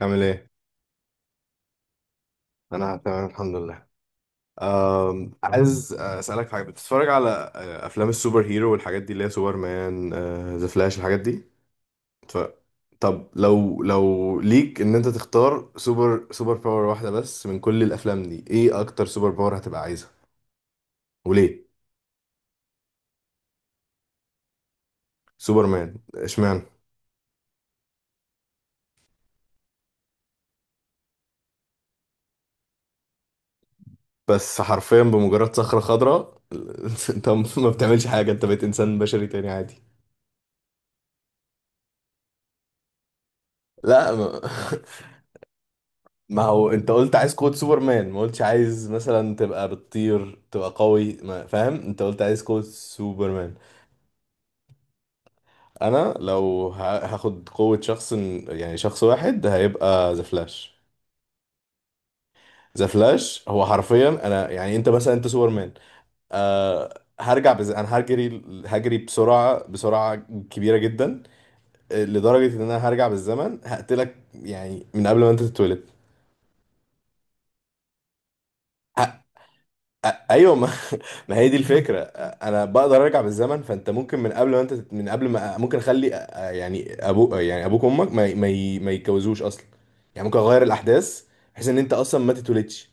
عامل ايه؟ انا تمام الحمد لله. عايز اسالك في حاجه، بتتفرج على افلام السوبر هيرو والحاجات دي اللي هي سوبر مان، ذا فلاش، الحاجات دي؟ ف... طب لو ليك ان انت تختار سوبر باور واحده بس من كل الافلام دي، ايه اكتر سوبر باور هتبقى عايزها؟ وليه سوبر مان؟ اشمعنى؟ بس حرفيا بمجرد صخره خضراء انت ما بتعملش حاجه، انت بقيت انسان بشري تاني عادي. لا ما... ما هو انت قلت عايز قوة سوبرمان، ما قلتش عايز مثلا تبقى بتطير، تبقى قوي. ما فاهم، انت قلت عايز قوة سوبرمان. انا لو هاخد قوة شخص، يعني شخص واحد، هيبقى ذا فلاش. ذا فلاش هو حرفيا، انا يعني، انت مثلا انت سوبرمان. انا هجري هجري بسرعة بسرعة كبيرة جدا، لدرجة ان انا هرجع بالزمن هقتلك، يعني من قبل ما انت تتولد. ايوه ما, ما هي دي الفكره. انا بقدر ارجع بالزمن، فانت ممكن من قبل ما انت من قبل ما ممكن اخلي يعني يعني ابوك وامك ما يتجوزوش اصلا. يعني ممكن اغير الاحداث بحيث ان انت اصلا ما تتولدش.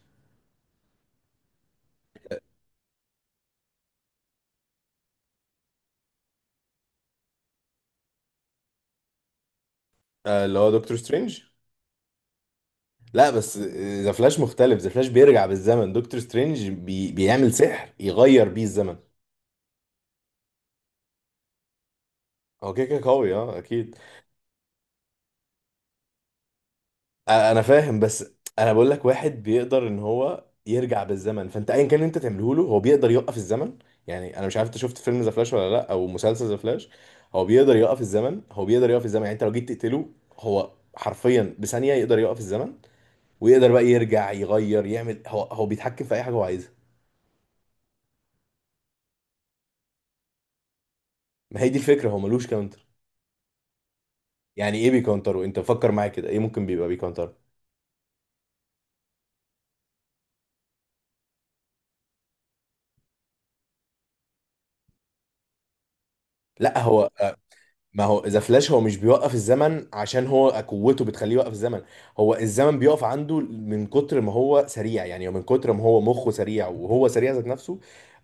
اللي هو دكتور سترينج. لا بس، ذا فلاش مختلف. ذا فلاش بيرجع بالزمن، دكتور سترينج بيعمل سحر يغير بيه الزمن. هو كده كده قوي، اه اكيد. انا فاهم، بس انا بقول لك واحد بيقدر ان هو يرجع بالزمن، فانت ايا كان اللي انت تعمله له، هو بيقدر يوقف الزمن. يعني انا مش عارف انت شفت فيلم ذا فلاش ولا لا، او مسلسل ذا فلاش. هو بيقدر يوقف الزمن، هو بيقدر يوقف الزمن، يعني انت لو جيت تقتله، هو حرفيا بثانية يقدر يوقف الزمن، ويقدر بقى يرجع يغير يعمل، هو بيتحكم في اي حاجة هو عايزها. ما هي دي الفكرة، هو ملوش كاونتر. يعني ايه بيكونتره؟ انت فكر معايا كده، ايه ممكن بيبقى بيكونتره؟ لا هو، ما هو ذا فلاش هو مش بيوقف الزمن عشان هو قوته بتخليه يوقف الزمن. هو الزمن بيقف عنده من كتر ما هو سريع، يعني من كتر ما هو مخه سريع وهو سريع ذات نفسه.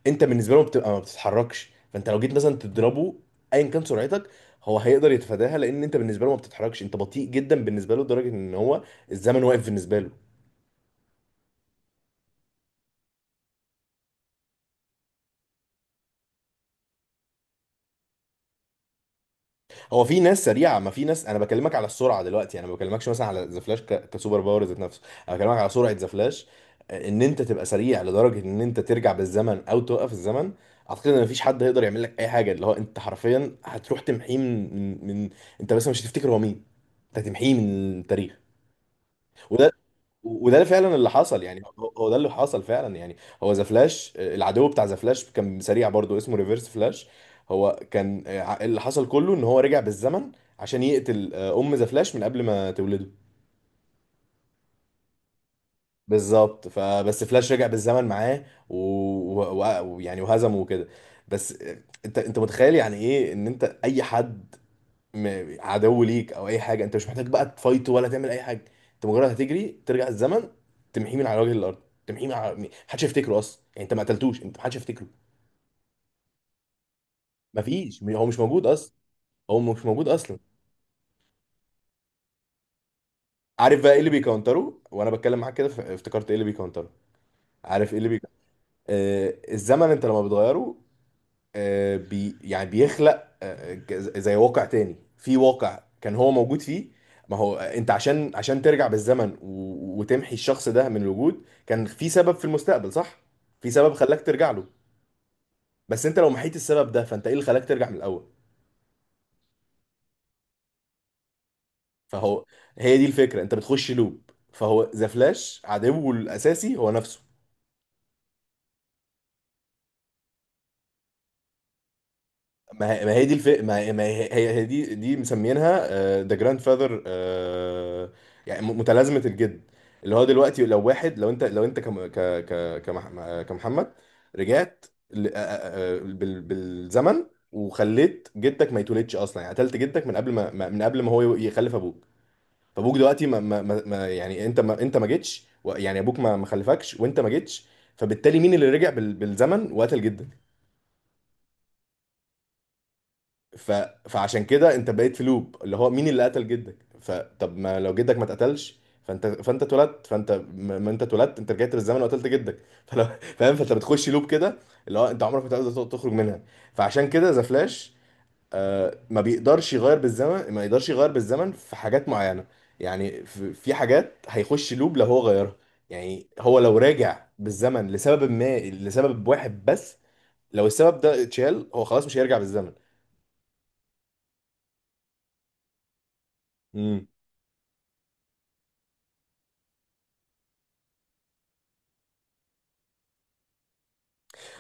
انت بالنسبه له بتبقى ما بتتحركش، فانت لو جيت مثلا تضربه، ايا كان سرعتك، هو هيقدر يتفاداها، لان انت بالنسبه له ما بتتحركش، انت بطيء جدا بالنسبه له، لدرجه ان هو الزمن واقف بالنسبه له. هو في ناس سريعه، ما في ناس، انا بكلمك على السرعه دلوقتي، انا ما بكلمكش مثلا على ذا فلاش كسوبر باور ذات نفسه، انا بكلمك على سرعه ذا فلاش، ان انت تبقى سريع لدرجه ان انت ترجع بالزمن او توقف الزمن. اعتقد ان مفيش حد هيقدر يعمل لك اي حاجه، اللي هو انت حرفيا هتروح تمحيه من انت بس مش هتفتكر هو مين، انت هتمحيه من التاريخ. وده وده اللي فعلا اللي حصل، يعني هو ده اللي حصل فعلا يعني. هو ذا فلاش، العدو بتاع ذا فلاش كان سريع برضو، اسمه ريفرس فلاش. هو كان، اللي حصل كله ان هو رجع بالزمن عشان يقتل ام ذا فلاش من قبل ما تولده. بالظبط، فبس فلاش رجع بالزمن معاه ويعني و... و... و- ويعني وهزمه وكده. بس، انت متخيل يعني ايه ان انت اي حد، عدو ليك او اي حاجه، انت مش محتاج بقى تفايت ولا تعمل اي حاجه، انت مجرد هتجري ترجع الزمن، تمحيه من على وجه الارض، تمحيه محدش يفتكره اصلا، يعني انت ما قتلتوش، انت محدش يفتكره. مفيش، هو مش موجود اصلا، هو مش موجود اصلا. عارف بقى ايه اللي بيكونتره؟ وانا بتكلم معاك كده افتكرت ايه اللي بيكونتره. عارف ايه اللي بيكونتره؟ الزمن، انت لما بتغيره، آه، بي يعني بيخلق زي واقع تاني، في واقع كان هو موجود فيه. ما هو، انت عشان ترجع بالزمن وتمحي الشخص ده من الوجود، كان في سبب في المستقبل، صح؟ في سبب خلاك ترجع له. بس انت لو محيت السبب ده، فانت ايه اللي خلاك ترجع من الاول؟ فهو هي دي الفكرة، انت بتخش لوب. فهو ذا فلاش عدوه الاساسي هو نفسه. ما هي دي مسمينها ذا جراند فاذر، يعني متلازمة الجد. اللي هو دلوقتي، لو واحد، لو انت كم... ك... ك... كمح... كمحمد رجعت ل... آه، آه، آه، بال... بالزمن وخليت جدك ما يتولدش اصلا، يعني قتلت جدك من قبل ما هو يخلف ابوك. فابوك دلوقتي يعني انت ما جيتش، يعني ابوك ما خلفكش وانت ما جيتش. فبالتالي مين اللي رجع بالزمن وقتل جدك؟ ف... فعشان كده انت بقيت في لوب، اللي هو مين اللي قتل جدك. فطب ما لو جدك ما اتقتلش فانت اتولدت فانت ما ما انت اتولدت، انت رجعت بالزمن وقتلت جدك فلو فاهم؟ فانت بتخش لوب كده اللي هو انت عمرك ما تقدر تخرج منها. فعشان كده ذا فلاش ما بيقدرش يغير بالزمن، ما يقدرش يغير بالزمن في حاجات معينة. يعني في حاجات هيخش لوب لو هو غيرها. يعني هو لو راجع بالزمن لسبب ما، لسبب واحد بس، لو السبب ده اتشال، هو خلاص مش هيرجع بالزمن.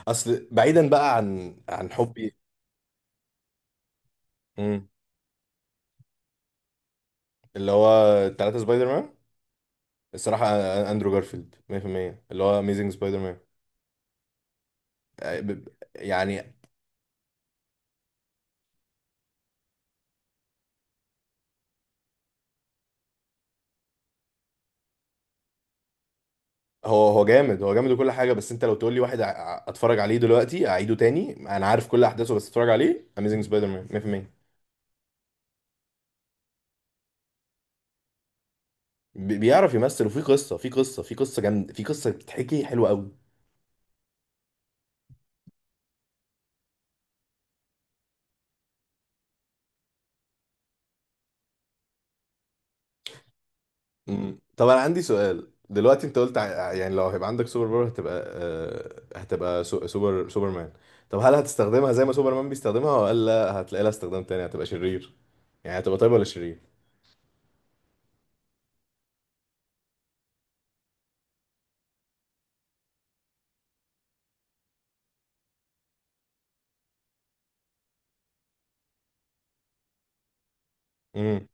اصل بعيدا بقى عن حبي. مم. اللي هو التلاتة سبايدر مان، الصراحة اندرو جارفيلد 100% اللي هو اميزنج سبايدر مان. آه، ب- يعني هو هو جامد، هو جامد وكل حاجة، بس انت لو تقول لي واحد اتفرج عليه دلوقتي اعيده تاني، انا عارف كل احداثه، بس اتفرج عليه اميزنج سبايدر مان 100%. بيعرف يمثل، وفي قصة في قصة في قصة جامدة، في قصة بتتحكي حلوة قوي. مم. طب انا عندي سؤال دلوقتي، انت قلت يعني لو هيبقى عندك سوبر باور هتبقى، سوبرمان. طب هل هتستخدمها زي ما سوبرمان بيستخدمها، ولا هتلاقي لها استخدام تاني، هتبقى شرير؟ يعني هتبقى طيب ولا شرير؟ مم.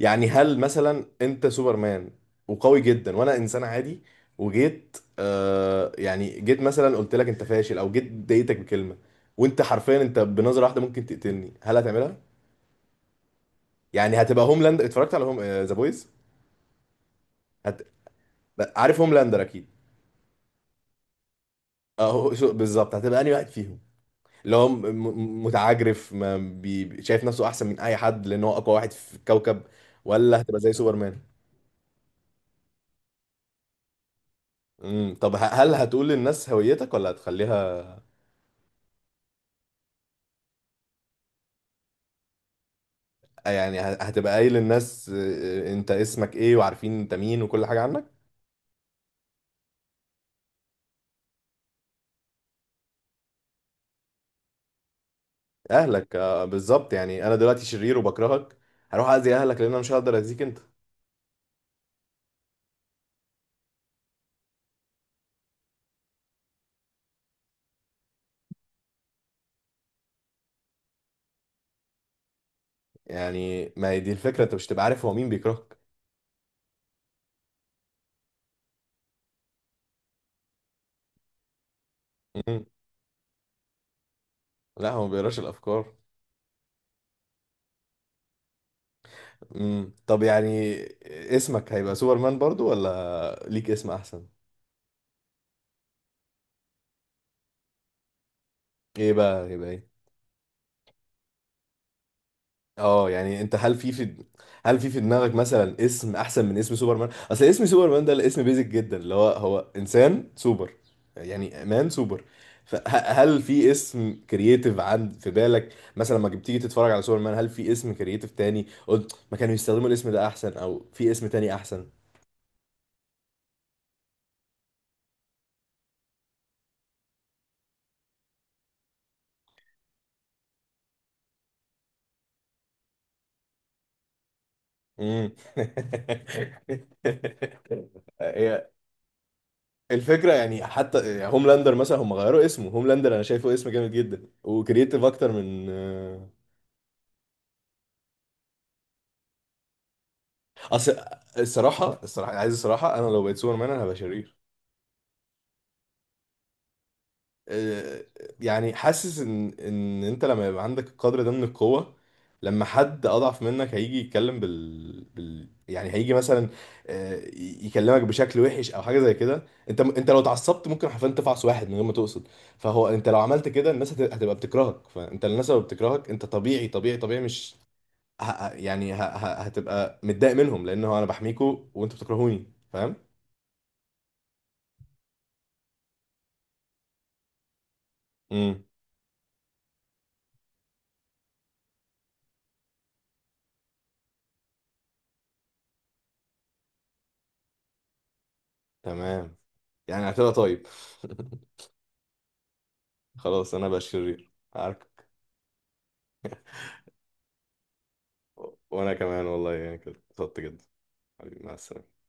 يعني هل مثلا انت سوبرمان وقوي جدا، وانا انسان عادي، وجيت يعني جيت مثلا قلت لك انت فاشل، او جيت ضايقتك بكلمة، وانت حرفيا انت بنظرة واحدة ممكن تقتلني، هل هتعملها؟ يعني هتبقى اتفرجت على ذا بويز؟ هت... عارف هوملاندر اكيد؟ اهو، شو بالظبط هتبقى انهي واحد فيهم، اللي هو متعجرف، ما بي... شايف نفسه احسن من اي حد لان هو اقوى واحد في الكوكب، ولا هتبقى زي سوبرمان؟ طب هل هتقول للناس هويتك ولا هتخليها؟ يعني هتبقى قايل للناس انت اسمك ايه وعارفين انت مين وكل حاجه عنك. اهلك، بالظبط. يعني انا دلوقتي شرير وبكرهك، هروح اذي اهلك لان انا مش هقدر اذيك انت. يعني ما هي دي الفكره، انت مش تبقى عارف هو مين بيكرهك. امم لا هو ما بيقراش الافكار. طب يعني اسمك هيبقى سوبرمان برضو ولا ليك اسم احسن؟ ايه بقى هيبقى ايه؟ اه يعني انت هل في دماغك مثلا اسم احسن من اسم سوبرمان؟ اصل اسم سوبرمان ده الاسم بيزك جدا، اللي هو انسان سوبر، يعني مان سوبر. فهل في اسم كرييتيف عند، في بالك مثلا لما بتيجي تتفرج على سوبرمان، هل في اسم كرييتيف تاني قلت ما كانوا يستخدموا الاسم ده، احسن او في اسم تاني احسن؟ امم. الفكره يعني حتى، يعني هوملاندر مثلا، هم غيروا اسمه هوملاندر، انا شايفه اسم جامد جدا وكرييتيف اكتر من اصل الصراحه الصراحه عايز الصراحه، انا لو بقيت سوبر مان انا هبقى شرير. آه، يعني حاسس ان انت لما يبقى عندك القدر ده من القوة، لما حد اضعف منك هيجي يتكلم يعني هيجي مثلا يكلمك بشكل وحش او حاجة زي كده، انت لو اتعصبت ممكن حرفيا تفعص واحد من غير ما تقصد. فهو انت لو عملت كده، الناس هتبقى بتكرهك، فانت الناس لو بتكرهك انت طبيعي طبيعي طبيعي، مش هتبقى متضايق منهم، لان هو انا بحميكوا وانتوا بتكرهوني، فاهم؟ امم. تمام. يعني هتبقى طيب. خلاص انا بقى شرير، عارف. وانا كمان والله، يعني كده اتبسطت جدا. حبيبي، مع السلامة.